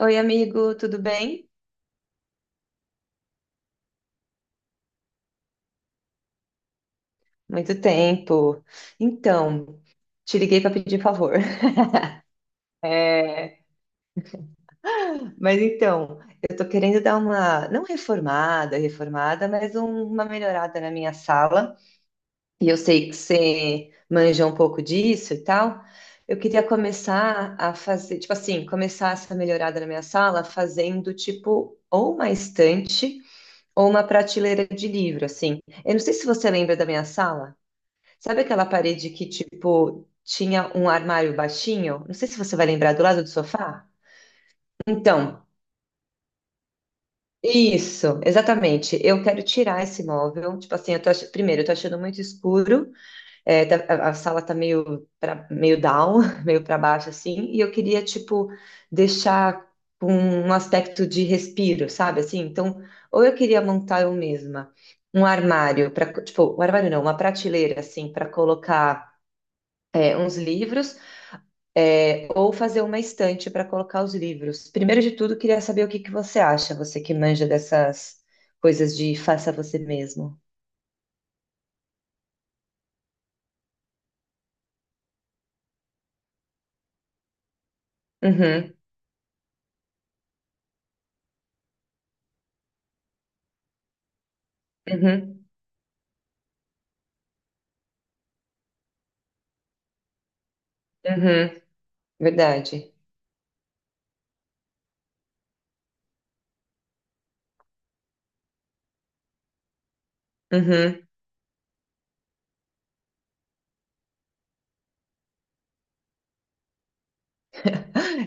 Oi, amigo, tudo bem? Muito tempo. Então, te liguei para pedir favor. É, mas então, eu tô querendo dar uma, não reformada, reformada, mas uma melhorada na minha sala. E eu sei que você manja um pouco disso e tal. Eu queria começar a fazer, tipo assim, começar essa melhorada na minha sala fazendo tipo ou uma estante ou uma prateleira de livro, assim. Eu não sei se você lembra da minha sala. Sabe aquela parede que, tipo, tinha um armário baixinho? Não sei se você vai lembrar, do lado do sofá? Então, isso, exatamente. Eu quero tirar esse móvel. Tipo assim, primeiro, eu tô achando muito escuro. A sala tá meio, meio down, meio para baixo, assim, e eu queria, tipo, deixar com um aspecto de respiro, sabe? Assim, então, ou eu queria montar eu mesma um armário, para tipo, um armário não, uma prateleira, assim, para colocar. É, uns livros, ou fazer uma estante para colocar os livros. Primeiro de tudo, queria saber o que que você acha, você que manja dessas coisas de faça você mesmo. Uhum, uhum, uhum. Verdade.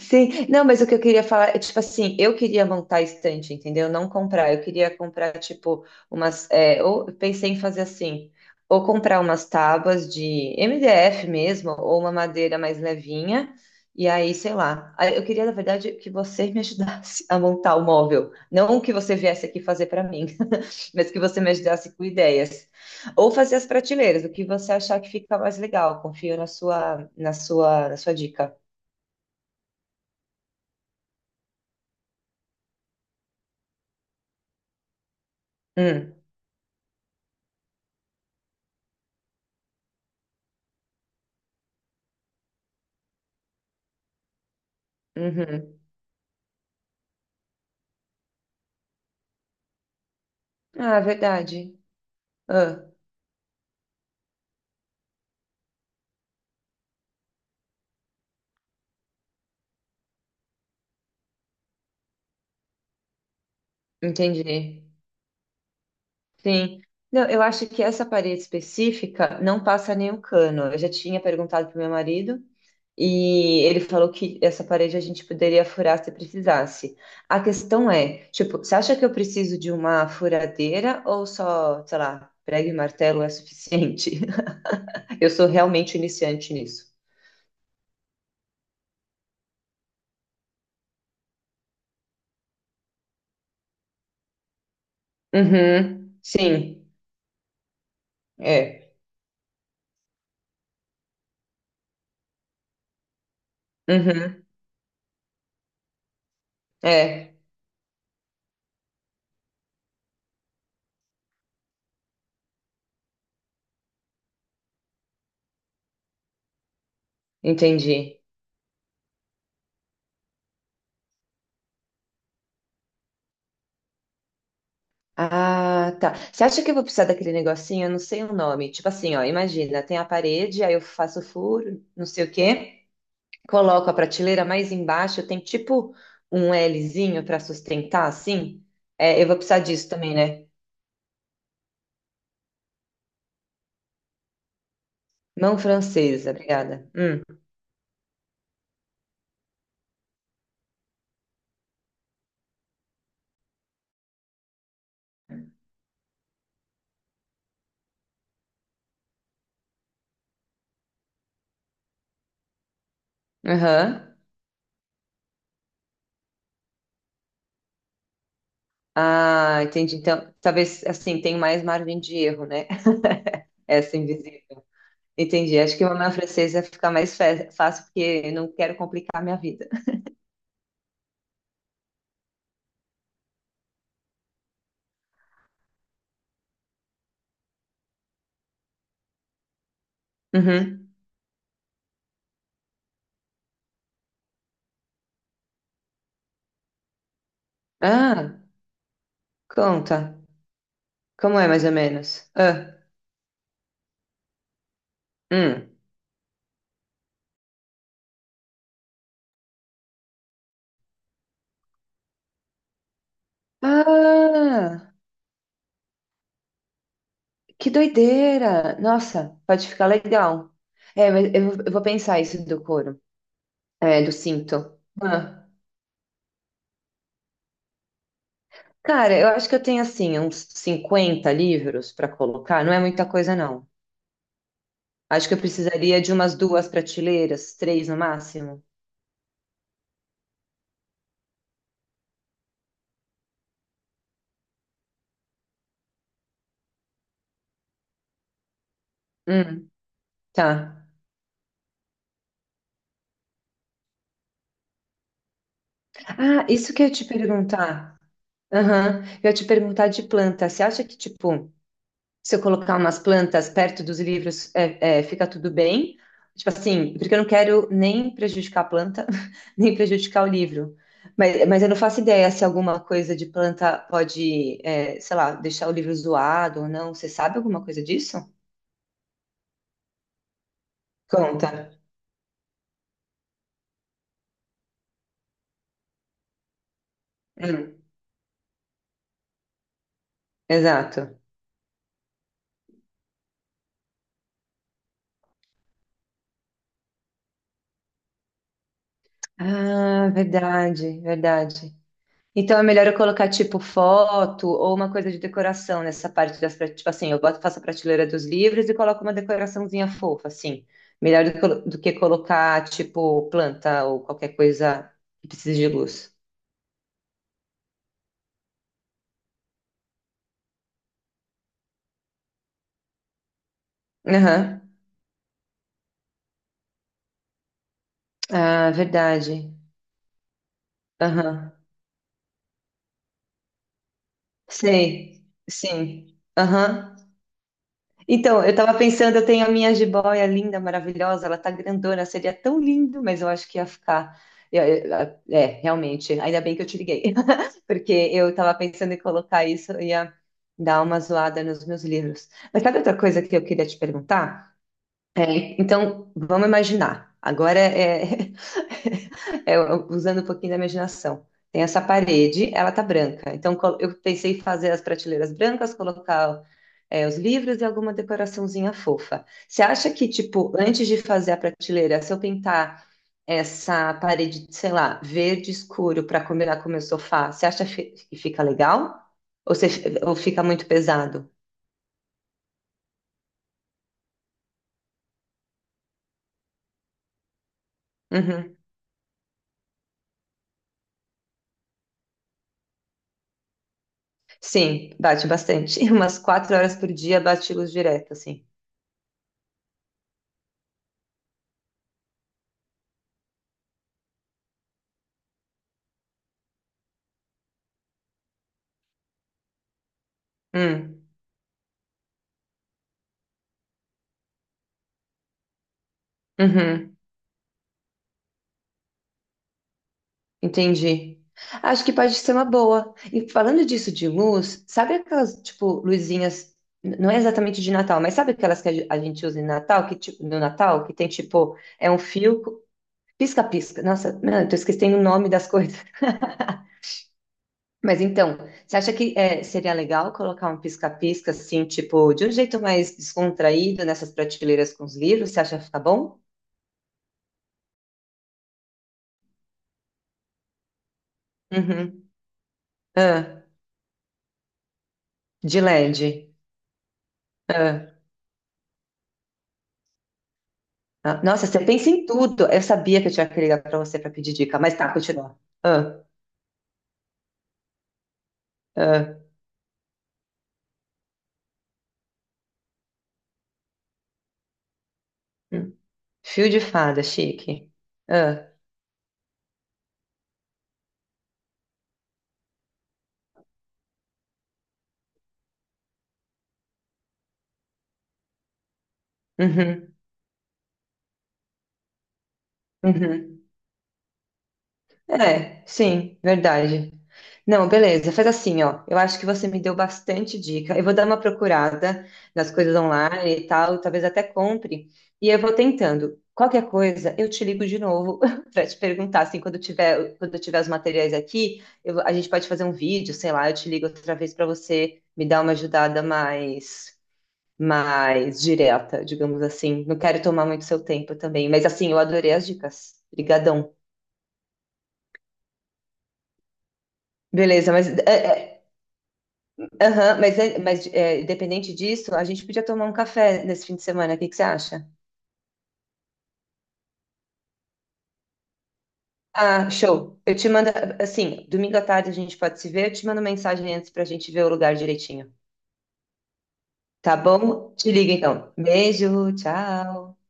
Sim, não, mas o que eu queria falar é, tipo assim, eu queria montar estante, entendeu? Não comprar, eu queria comprar, tipo, ou eu pensei em fazer assim, ou comprar umas tábuas de MDF mesmo, ou uma madeira mais levinha, e aí, sei lá, aí eu queria, na verdade, que você me ajudasse a montar o móvel, não que você viesse aqui fazer para mim, mas que você me ajudasse com ideias, ou fazer as prateleiras, o que você achar que fica mais legal, confio na sua dica. Hum, uhum. Ah, verdade. Ah, entendi. Sim. Não, eu acho que essa parede específica não passa nenhum cano. Eu já tinha perguntado para meu marido e ele falou que essa parede a gente poderia furar se precisasse. A questão é, tipo, você acha que eu preciso de uma furadeira ou só, sei lá, prego e martelo é suficiente? Eu sou realmente iniciante nisso. Uhum, sim, é. Uhum, é, entendi. Ah, tá. Você acha que eu vou precisar daquele negocinho? Eu não sei o nome. Tipo assim, ó, imagina, tem a parede, aí eu faço o furo, não sei o quê, coloco a prateleira mais embaixo, tem tipo um Lzinho para sustentar, assim. É, eu vou precisar disso também, né? Mão francesa, obrigada. Aham. Ah, entendi. Então, talvez assim, tem mais margem de erro, né? Essa invisível. Entendi. Acho que uma mão francesa fica mais fácil, porque eu não quero complicar a minha vida. Uhum. Ah, conta. Como é, mais ou menos? Ah, hum. Ah, que doideira! Nossa, pode ficar legal. É, mas eu vou pensar isso do couro, é, do cinto. Ah. Cara, eu acho que eu tenho, assim, uns 50 livros para colocar. Não é muita coisa, não. Acho que eu precisaria de umas duas prateleiras, três no máximo. Hum, tá. Ah, isso que eu ia te perguntar. Aham. Eu ia te perguntar de planta. Você acha que, tipo, se eu colocar umas plantas perto dos livros, fica tudo bem. Tipo assim, porque eu não quero nem prejudicar a planta, nem prejudicar o livro. Mas eu não faço ideia se alguma coisa de planta pode, sei lá, deixar o livro zoado ou não. Você sabe alguma coisa disso? Conta. Hum, exato. Ah, verdade, verdade. Então é melhor eu colocar tipo foto ou uma coisa de decoração nessa parte tipo assim, eu boto, faço a prateleira dos livros e coloco uma decoraçãozinha fofa, assim. Melhor do que colocar tipo planta ou qualquer coisa que precise de luz. Aham. Ah, verdade. Aham. Sei. Sim. Aham. Então, eu tava pensando, eu tenho a minha jiboia linda, maravilhosa, ela tá grandona, seria tão lindo, mas eu acho que ia ficar. Eu- eu- É, realmente, ainda bem que eu te liguei, porque eu estava pensando em colocar isso, eu ia dar uma zoada nos meus livros. Mas sabe outra coisa que eu queria te perguntar? É, então, vamos imaginar. Agora usando um pouquinho da imaginação. Tem essa parede, ela tá branca. Então eu pensei em fazer as prateleiras brancas, colocar os livros e alguma decoraçãozinha fofa. Você acha que, tipo, antes de fazer a prateleira, se eu pintar essa parede, sei lá, verde escuro para combinar com o meu sofá, você acha que fica legal? Ou, ou fica muito pesado? Uhum. Sim, bate bastante. Umas 4 horas por dia bate luz direta, assim. Hum. Uhum. Entendi. Acho que pode ser uma boa. E falando disso de luz, sabe aquelas, tipo, luzinhas, não é exatamente de Natal, mas sabe aquelas que a gente usa em Natal, que, tipo, no Natal, que tem, tipo, é um fio, pisca-pisca. Nossa, não, eu tô esquecendo o nome das coisas. Mas então, você acha que seria legal colocar um pisca-pisca, assim, tipo, de um jeito mais descontraído nessas prateleiras com os livros? Você acha que fica bom? Uhum. Ah, de LED. Ah, nossa, você pensa em tudo. Eu sabia que eu tinha que ligar pra você pra pedir dica, mas tá, continua. Ah, ah, hum. Fio de fada, chique. Ah, uhum, uhum. É, sim, verdade. Não, beleza, faz assim, ó. Eu acho que você me deu bastante dica. Eu vou dar uma procurada nas coisas online e tal, talvez até compre. E eu vou tentando. Qualquer coisa, eu te ligo de novo para te perguntar, assim, quando eu tiver os materiais aqui, a gente pode fazer um vídeo, sei lá, eu te ligo outra vez para você me dar uma ajudada mais direta, digamos assim. Não quero tomar muito seu tempo também, mas assim, eu adorei as dicas. Obrigadão. Beleza, mas é, aham, mas é, independente disso, a gente podia tomar um café nesse fim de semana, o que que você acha? Ah, show. Eu te mando, assim, domingo à tarde a gente pode se ver, eu te mando mensagem antes pra gente ver o lugar direitinho. Tá bom? Te ligo então. Beijo, tchau.